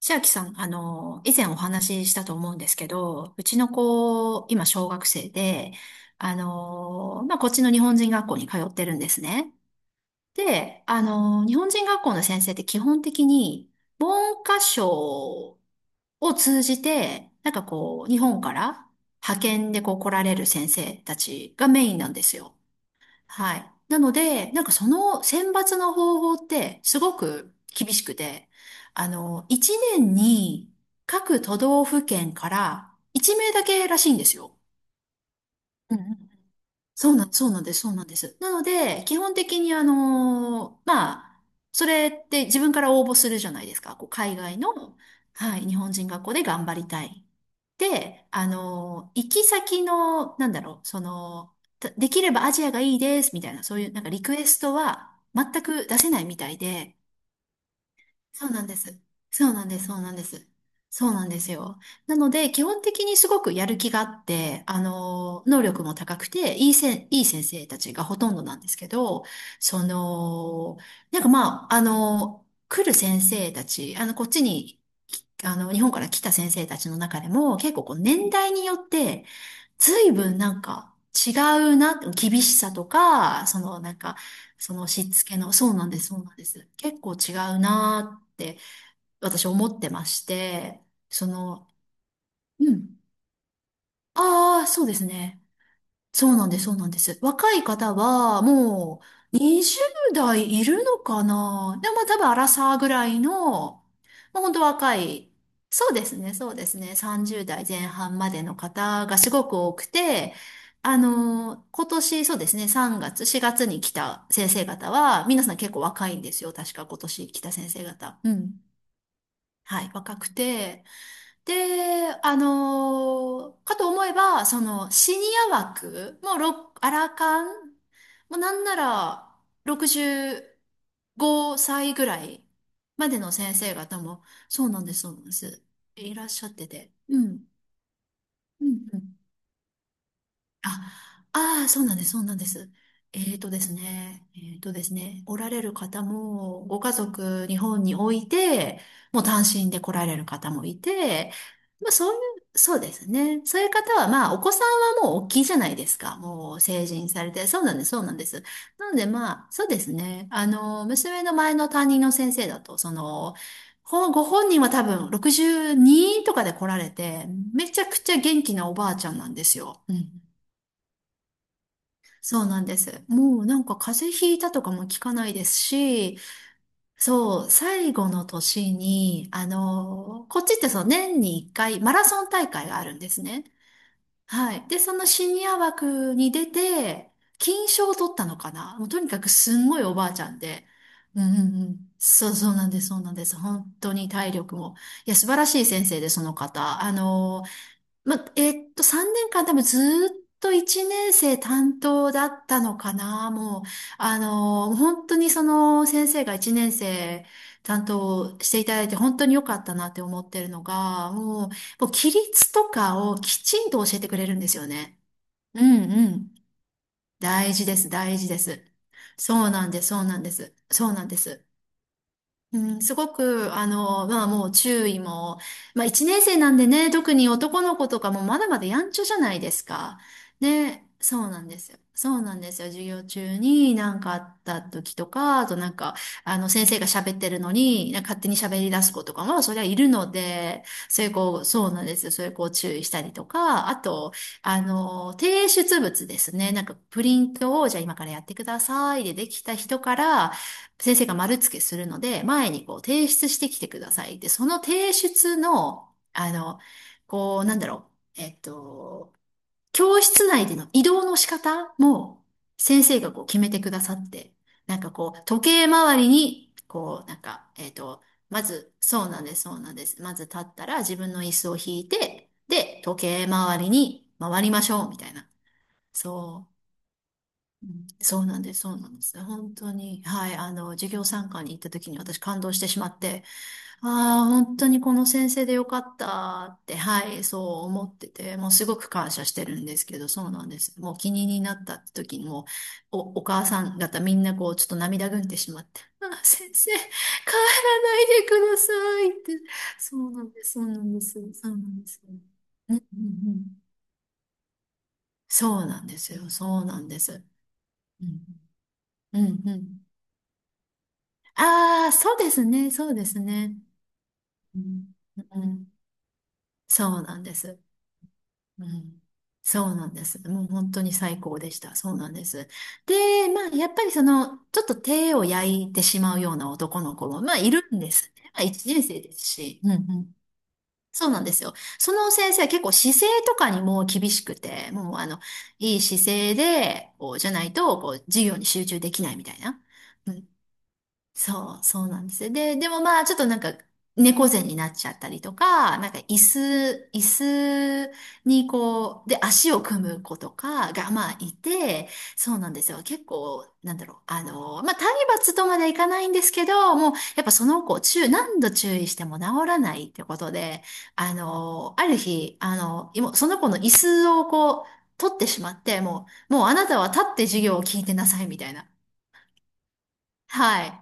千秋さん、以前お話ししたと思うんですけど、うちの子、今小学生で、こっちの日本人学校に通ってるんですね。で、あの、日本人学校の先生って基本的に、文科省を通じて、日本から派遣でこう来られる先生たちがメインなんですよ。はい。なので、その選抜の方法ってすごく厳しくて、1年に各都道府県から1名だけらしいんですよ。うんうん。そうなんです、そうなんです。なので、基本的にそれって自分から応募するじゃないですか。こう海外の、はい、日本人学校で頑張りたい。で、あのー行き先の、できればアジアがいいです、みたいな、そういうなんかリクエストは全く出せないみたいで、そうなんです。そうなんです。そうなんです。そうなんですよ。なので、基本的にすごくやる気があって、能力も高くて、いいせん、いい先生たちがほとんどなんですけど、その、なんかまあ、あの、来る先生たち、こっちに、きあの、日本から来た先生たちの中でも、結構こう、年代によって、随分なんか違うな、厳しさとか、そのしつけの、そうなんです、そうなんです。結構違うなって私思ってまして、その、うん、ああ、そうですね。そうなんです、そうなんです。若い方は、もう、20代いるのかな。でも、多分、アラサーぐらいの、もう本当若い、そうですね、そうですね、30代前半までの方がすごく多くて、今年、そうですね、3月、4月に来た先生方は、皆さん結構若いんですよ。確か今年来た先生方。うん。はい、若くて。で、あのーかと思えば、シニア枠、もう、ろアラカン、もうなんなら、65歳ぐらいまでの先生方も、そうなんです、そうなんです。いらっしゃってて。うん。うんうん。あ、ああ、そうなんです、そうなんです。えーとですね、えーとですね、おられる方も、ご家族、日本において、もう単身で来られる方もいて、まあそういう、そうですね。そういう方は、まあお子さんはもう大きいじゃないですか。もう成人されて。そうなんです、そうなんです。なのでまあ、そうですね。娘の前の担任の先生だと、ご本人は多分62とかで来られて、めちゃくちゃ元気なおばあちゃんなんですよ。うん。そうなんです。もうなんか風邪ひいたとかも聞かないですし、そう、最後の年に、こっちってそう、年に一回マラソン大会があるんですね。はい。で、そのシニア枠に出て、金賞を取ったのかな。もうとにかくすんごいおばあちゃんで。うんうんうん。そうそうなんです、そうなんです。本当に体力も。いや、素晴らしい先生で、その方。3年間多分ずーっと1年生担当だったのかな。もう、本当にその先生が1年生担当していただいて本当に良かったなって思ってるのが、もう規律とかをきちんと教えてくれるんですよね。うんうん。大事です、大事です。そうなんです、そうなんです。そうなんです。うん、すごく、まあもう注意も、まあ一年生なんでね、特に男の子とかもまだまだやんちゃじゃないですか。ね、そうなんですよ。そうなんですよ。授業中に何かあった時とか、あとなんか、あの先生が喋ってるのに、勝手に喋り出す子とかも、そりゃいるので、そういう子、そうなんですよ。そういう子を注意したりとか、あと、提出物ですね。プリントを、じゃあ今からやってくださいでできた人から、先生が丸付けするので、前にこう提出してきてください。で、その提出の、こう、なんだろう、えっと、教室内での移動の仕方も先生がこう決めてくださって、時計回りに、まず、そうなんです、そうなんです。まず立ったら自分の椅子を引いて、で、時計回りに回りましょう、みたいな。そう。うん。そうなんです、そうなんです。本当に、はい、授業参観に行った時に私感動してしまって、ああ、本当にこの先生でよかったって、はい、そう思ってて、もうすごく感謝してるんですけど、そうなんです。もう気になった時にもう、お母さん方みんなこう、ちょっと涙ぐんでしまって、ああ、先生、帰らないでくださいって、そうなんです、そうなんです、そうなんです。うんうんうん、そうなんですよ、そうなんです。うん、うん、うん。ああ、そうですね、そうですね。うん、うん、そうなんです。うん、そうなんです。もう本当に最高でした。そうなんです。で、まあ、やっぱりその、ちょっと手を焼いてしまうような男の子も、まあ、いるんですね。まあ、一年生ですし。うんうん、そうなんですよ。その先生は結構姿勢とかにも厳しくて、もうあの、いい姿勢で、こう、じゃないと、こう、授業に集中できないみたいな。そう、そうなんですよ。で、でもまあ、ちょっとなんか、猫背になっちゃったりとか、椅子にこう、で、足を組む子とかがまあいて、そうなんですよ。結構、体罰とまでいかないんですけど、もう、やっぱその子、何度注意しても治らないってことで、ある日、今その子の椅子をこう、取ってしまって、もうあなたは立って授業を聞いてなさいみたいな。はい。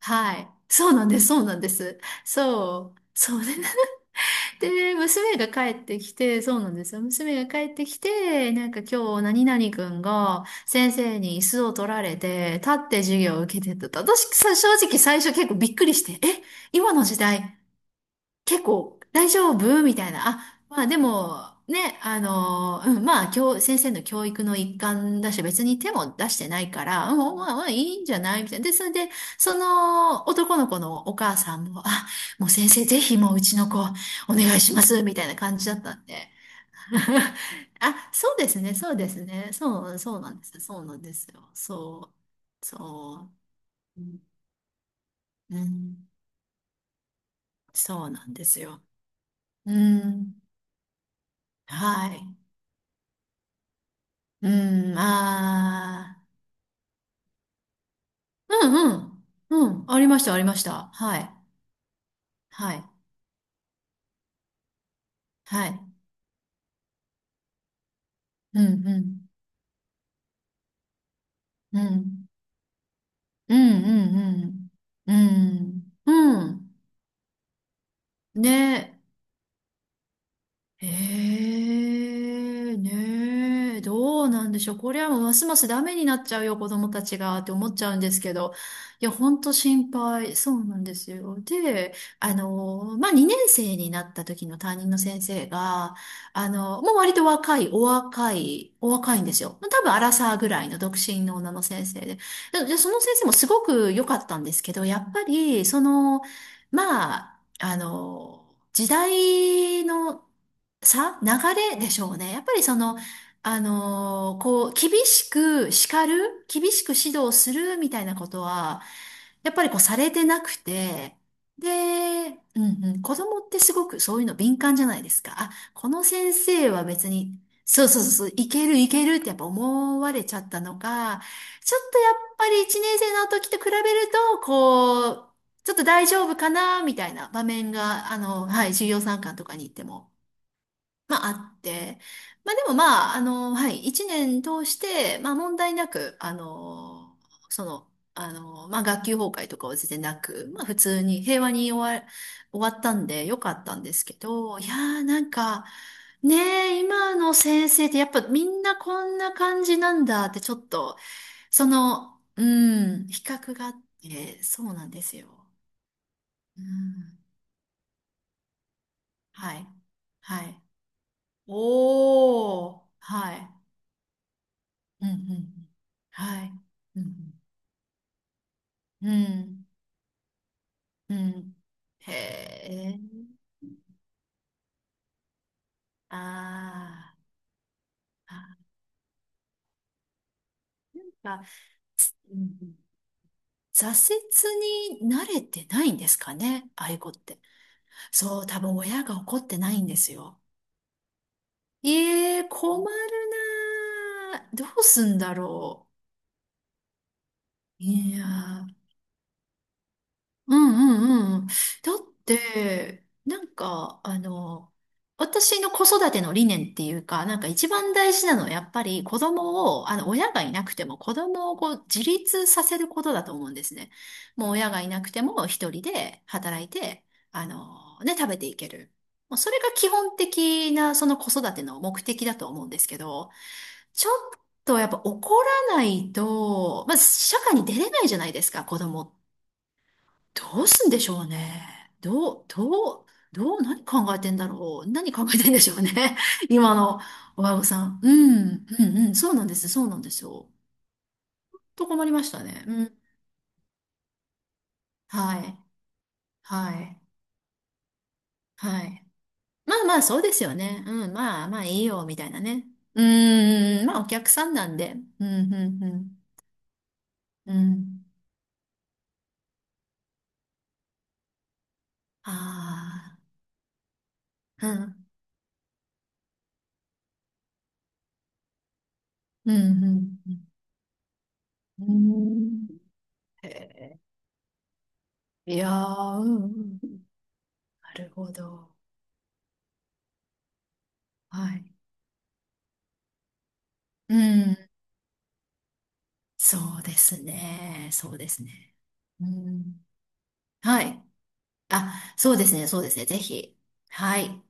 はい。そうなんです。そうなんです。そう。そうね。で、娘が帰ってきて、そうなんですよ。娘が帰ってきて、今日何々くんが先生に椅子を取られて、立って授業を受けてたと。私、正直最初結構びっくりして、え、今の時代、結構大丈夫みたいな。あ、まあでも、ね、うん、まあ、先生の教育の一環だし、別に手も出してないから、うん、まあ、まあ、いいんじゃないみたいな。で、それで、その男の子のお母さんも、あ、もう先生、ぜひもううちの子、お願いします、みたいな感じだったんで。あ、そうですね、そうですね。そう、そうなんです。そうなんですよ。そう、そう、うん、うん。そうなんですよ。うん、はい。うん、ああ、うんうん、うん、ありました、ありました。はい、はい、はい。うん、うん、うん、うん、うん、うん、うん、うんね、ええ、ねえ、どうなんでしょう。これはもうますますダメになっちゃうよ、子供たちがって思っちゃうんですけど。いや、ほんと心配。そうなんですよ。で、まあ、2年生になった時の担任の先生が、もう割と若い、お若い、お若いんですよ。多分アラサーぐらいの独身の女の先生で。でその先生もすごく良かったんですけど、やっぱり、まあ、時代の流れでしょうね。やっぱりこう、厳しく叱る、厳しく指導するみたいなことは、やっぱりこうされてなくて、で、うんうん、子供ってすごくそういうの敏感じゃないですか。あ、この先生は別に、そうそうそう、そういけるいけるってやっぱ思われちゃったのか、ちょっとやっぱり1年生の時と比べると、こう、ちょっと大丈夫かなみたいな場面が、はい、授業参観とかに行っても。まあ、あって、まあでもまあ、はい、一年通して、まあ問題なく、その、まあ学級崩壊とかは全然なく、まあ普通に平和に終わったんでよかったんですけど、いやーなんか、ねえ、今の先生ってやっぱみんなこんな感じなんだってちょっと、うん、比較があって、そうなんですよ。うん、はい、はい。おー、はい。うんうん。はい。うん。うん。うん。へえ。あーあ。なんか、うんうん挫折に慣れてないんですかね、ああいう子って。そう、多分親が怒ってないんですよ。ええ、困るなあ。どうすんだろう。いやーうんうんうん。だって、なんか、私の子育ての理念っていうか、なんか一番大事なのはやっぱり子供を、親がいなくても子供をこう自立させることだと思うんですね。もう親がいなくても一人で働いて、ね、食べていける。もうそれが基本的なその子育ての目的だと思うんですけど、ちょっとやっぱ怒らないと、まず社会に出れないじゃないですか、子供ってどうすんでしょうね。どう、どう、どう、何考えてんだろう。何考えてんでしょうね。今の親御さん。うん、うん、うん。そうなんです。そうなんですよ。と困りましたね。うん。はい。はい。はい。まあまあ、そうですよね。うん。まあまあ、いいよ、みたいなね。うーん。まあ、お客さんなんで。うん、うん、うん。うん。ああ。うん。うん、うん。うん。うんへえいやー、うん。うんなるほど。はい。うん、そうですね。そうですね。うん、はい。あ、そうですね。そうですね。ぜひ。はい。